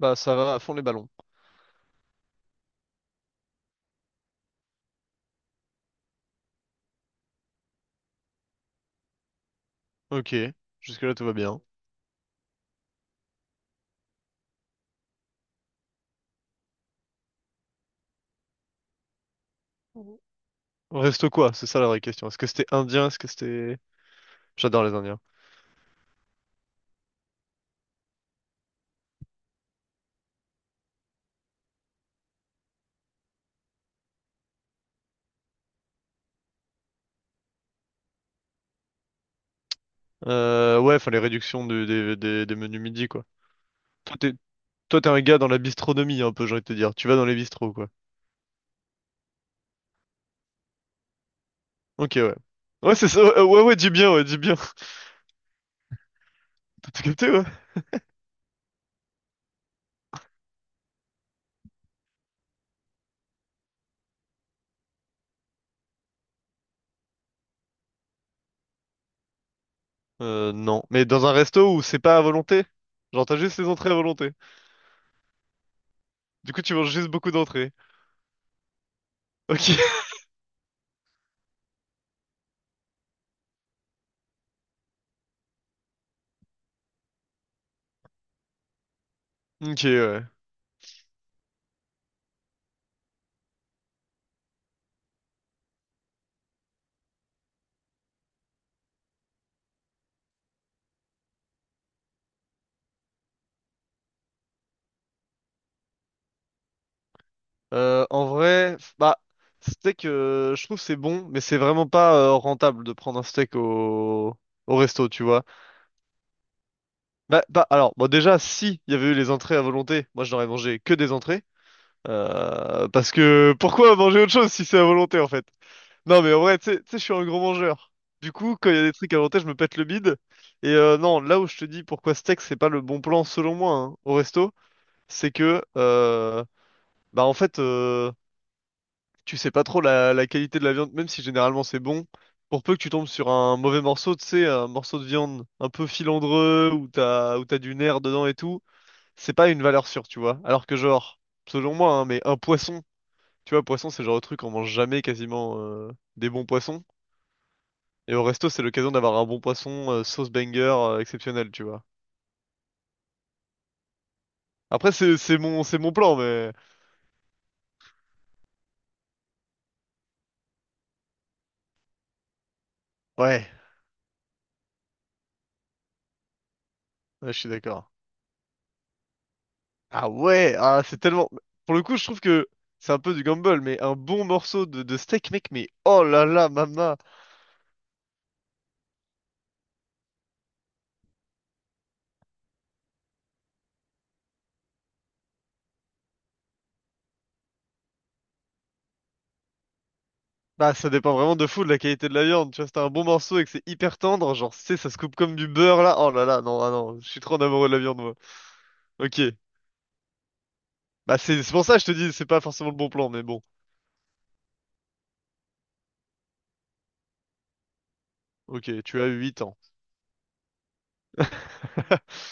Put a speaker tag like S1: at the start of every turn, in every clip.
S1: Bah, ça va à fond les ballons. Ok, jusque-là tout va bien. Mhm. Reste quoi? C'est ça la vraie question. Est-ce que c'était indien? Est-ce que c'était... J'adore les Indiens. Ouais, enfin les réductions des menus midi, quoi. Toi, t'es, Toi, t'es un gars dans la bistronomie, un peu, j'ai envie de te dire. Tu vas dans les bistros, quoi. Ok, ouais. Ouais, c'est ça. Ouais, ouais, ouais, dis bien, ouais, dis bien. T'as tout capté, ouais. Non. Mais dans un resto où c'est pas à volonté? Genre, t'as juste les entrées à volonté. Du coup, tu manges juste beaucoup d'entrées. Ok. Ok, ouais. En vrai, f- bah, Steak, je trouve que c'est bon, mais c'est vraiment pas rentable de prendre un steak au resto, tu vois. Bah, bah, alors, bon, déjà, si il y avait eu les entrées à volonté, moi je n'aurais mangé que des entrées. Parce que pourquoi manger autre chose si c'est à volonté en fait? Non, mais en vrai, tu sais, je suis un gros mangeur. Du coup, quand il y a des trucs à volonté, je me pète le bide. Non, là où je te dis pourquoi steak, c'est pas le bon plan selon moi hein, au resto, c'est que, bah en fait. Tu sais pas trop la qualité de la viande, même si généralement c'est bon. Pour peu que tu tombes sur un mauvais morceau, tu sais, un morceau de viande un peu filandreux, où t'as du nerf dedans et tout, c'est pas une valeur sûre, tu vois. Alors que genre, selon moi, hein, mais un poisson, tu vois, poisson c'est le genre de truc on mange jamais quasiment des bons poissons. Et au resto, c'est l'occasion d'avoir un bon poisson, sauce banger, exceptionnelle, tu vois. Après, c'est mon plan, mais ouais, ouais, je suis d'accord. Ah ouais, ah c'est tellement. Pour le coup, je trouve que c'est un peu du gamble, mais un bon morceau de steak, mec, mais oh là là, maman! Bah, ça dépend vraiment de fou de la qualité de la viande. Tu vois, si t'as un bon morceau et que c'est hyper tendre, genre, tu sais, ça se coupe comme du beurre là. Oh là là, non, ah non, je suis trop en amoureux de la viande, moi. Ok. Bah, c'est pour ça que je te dis, c'est pas forcément le bon plan, mais bon. Ok, tu as 8 ans.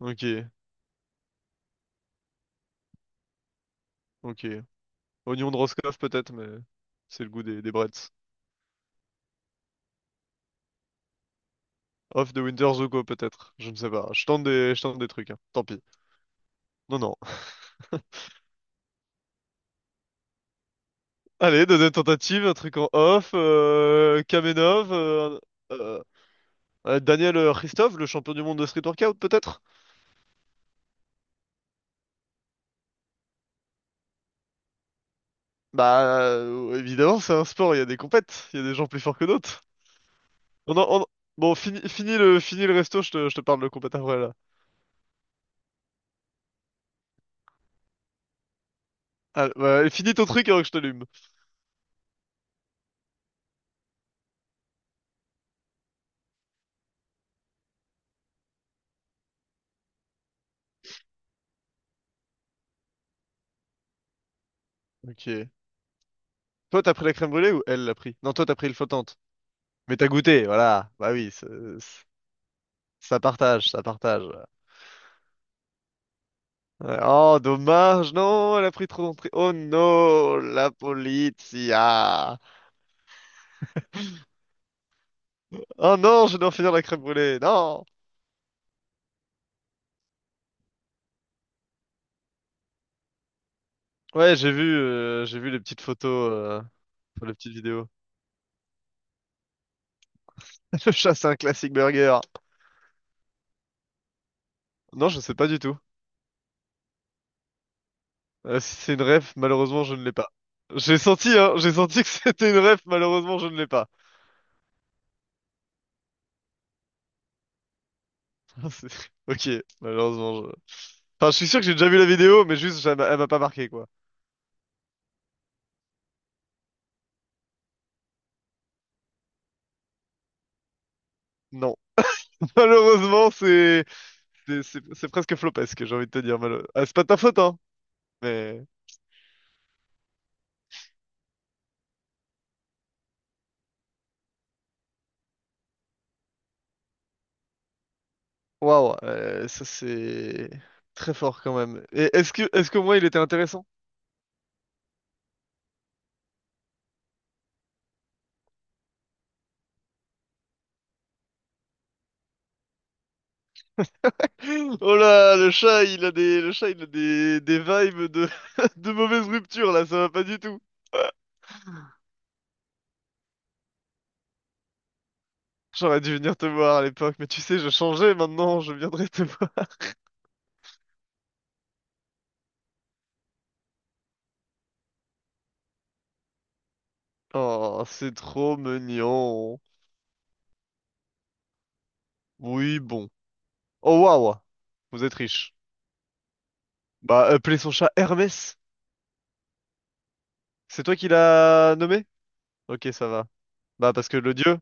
S1: Ok, ok. Oignon de Roscoff, peut-être, mais c'est le goût des Bretts. Off de Winter Zuko, peut-être. Je ne sais pas. Je tente des trucs, hein. Tant pis. Non, non. Allez, deuxième tentative, un truc en off, Kamenov, euh, Daniel Christophe, le champion du monde de street workout peut-être? Évidemment, c'est un sport, il y a des compètes, il y a des gens plus forts que d'autres. On en- on- Bon, fini le resto, je te parle de compète après là. Ah, bah, finis ton truc avant que je t'allume. Ok. Toi, t'as pris la crème brûlée ou elle l'a pris? Non, toi, t'as pris le flottante. Mais t'as goûté, voilà. Bah oui, c'est- ça partage, ça partage. Ouais, oh, dommage, non, elle a pris trop d'entrée. Oh non, la polizia. Oh non, je dois finir la crème brûlée, non. Ouais, j'ai vu les petites photos, enfin, les petites vidéos. Le chat, c'est un classique burger. Non, je sais pas du tout. Si c'est une ref, malheureusement, je ne l'ai pas. J'ai senti, hein, j'ai senti que c'était une ref, malheureusement, je ne l'ai pas. Ok, malheureusement, je... Enfin, je suis sûr que j'ai déjà vu la vidéo, mais juste, elle m'a pas marqué, quoi. Non. Malheureusement, c'est... C'est presque flopesque, j'ai envie de te dire. Malo. Ah, c'est pas de ta faute, hein. Mais waouh, ça c'est très fort quand même. Et est-ce qu'au moins il était intéressant? Oh là, le chat, il a des vibes de mauvaise rupture là, ça va pas du tout. J'aurais dû venir te voir à l'époque, mais tu sais, je changeais maintenant, je viendrai te voir. Oh, c'est trop mignon. Oui, bon. Oh waouh, vous êtes riche. Bah, appelez son chat Hermès. C'est toi qui l'as nommé? Ok, ça va. Bah parce que le dieu.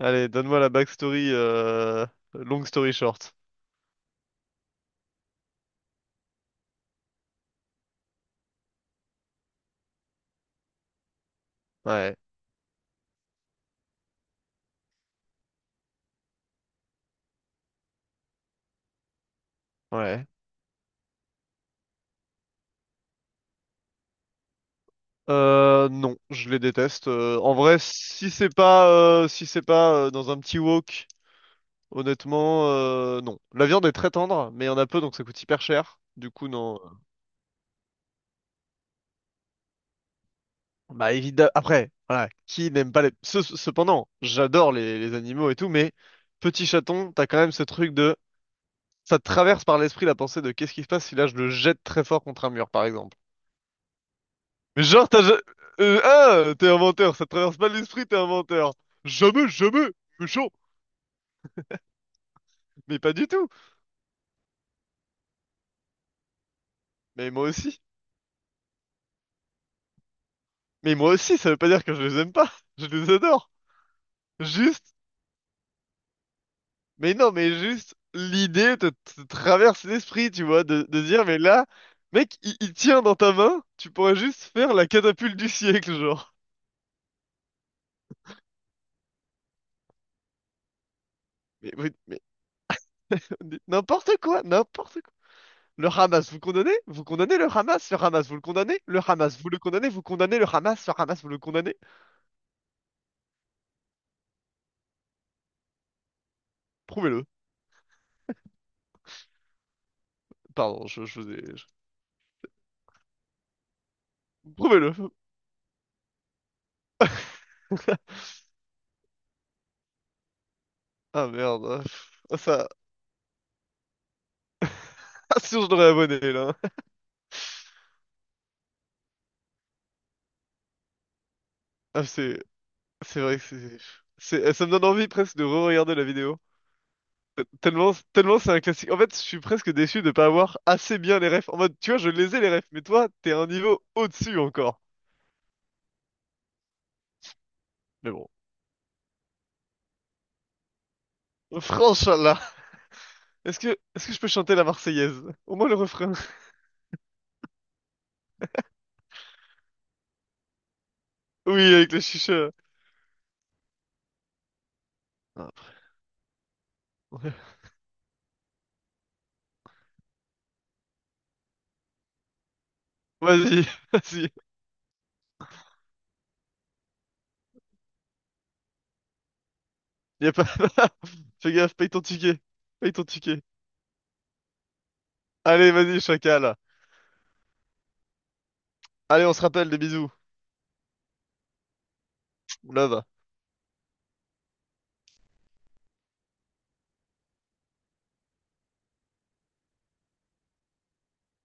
S1: Allez, donne-moi la backstory, long story short. Ouais, ouais. Non, je les déteste. En vrai, si c'est pas, Si c'est pas dans un petit wok, honnêtement, non. La viande est très tendre, mais il y en a peu, donc ça coûte hyper cher. Du coup, non. Bah évidemment. Après, voilà, qui n'aime pas les. Cependant, j'adore les animaux et tout, mais petit chaton, t'as quand même ce truc de. Ça te traverse par l'esprit la pensée de qu'est-ce qui se passe si là je le jette très fort contre un mur, par exemple. Mais genre, t'as... ja- ah, t'es un menteur, ça te traverse pas l'esprit, t'es un menteur. Jamais, jamais, méchant. Mais pas du tout. Mais moi aussi. Mais moi aussi, ça veut pas dire que je les aime pas. Je les adore. Juste, mais non, mais juste, te traverse l'esprit, tu vois, de dire, mais là, mec, il tient dans ta main, tu pourrais juste faire la catapulte du siècle, genre. Mais, mais, mais- mais n'importe quoi, n'importe quoi. Le Hamas, vous le condamnez? Vous condamnez le Hamas? Le Hamas, vous le condamnez? Le Hamas, vous le condamnez? Vous condamnez le Hamas? Le Hamas, vous le condamnez? Prouvez-le. Pardon, je vous ai... Prouvez-le. Ah merde. Ah, ça... Ah, sûr, je l'aurais abonné, là. Ah, c'est... C'est vrai que c'est... Ça me donne envie presque de re-regarder la vidéo. Tellement, tellement c'est un classique. En fait, je suis presque déçu de pas avoir assez bien les refs. En mode, tu vois, je les ai les refs, mais toi, t'es un niveau au-dessus encore. Mais bon. Franchement, est-ce que je peux chanter la Marseillaise? Au moins le refrain. Oui, avec le chicha. Ah, pff. Ouais. Vas-y, vas-y. Y a pas... Fais gaffe, paye ton ticket. Paye ton ticket. Allez, vas-y, chacal. Allez, on se rappelle, des bisous. Love.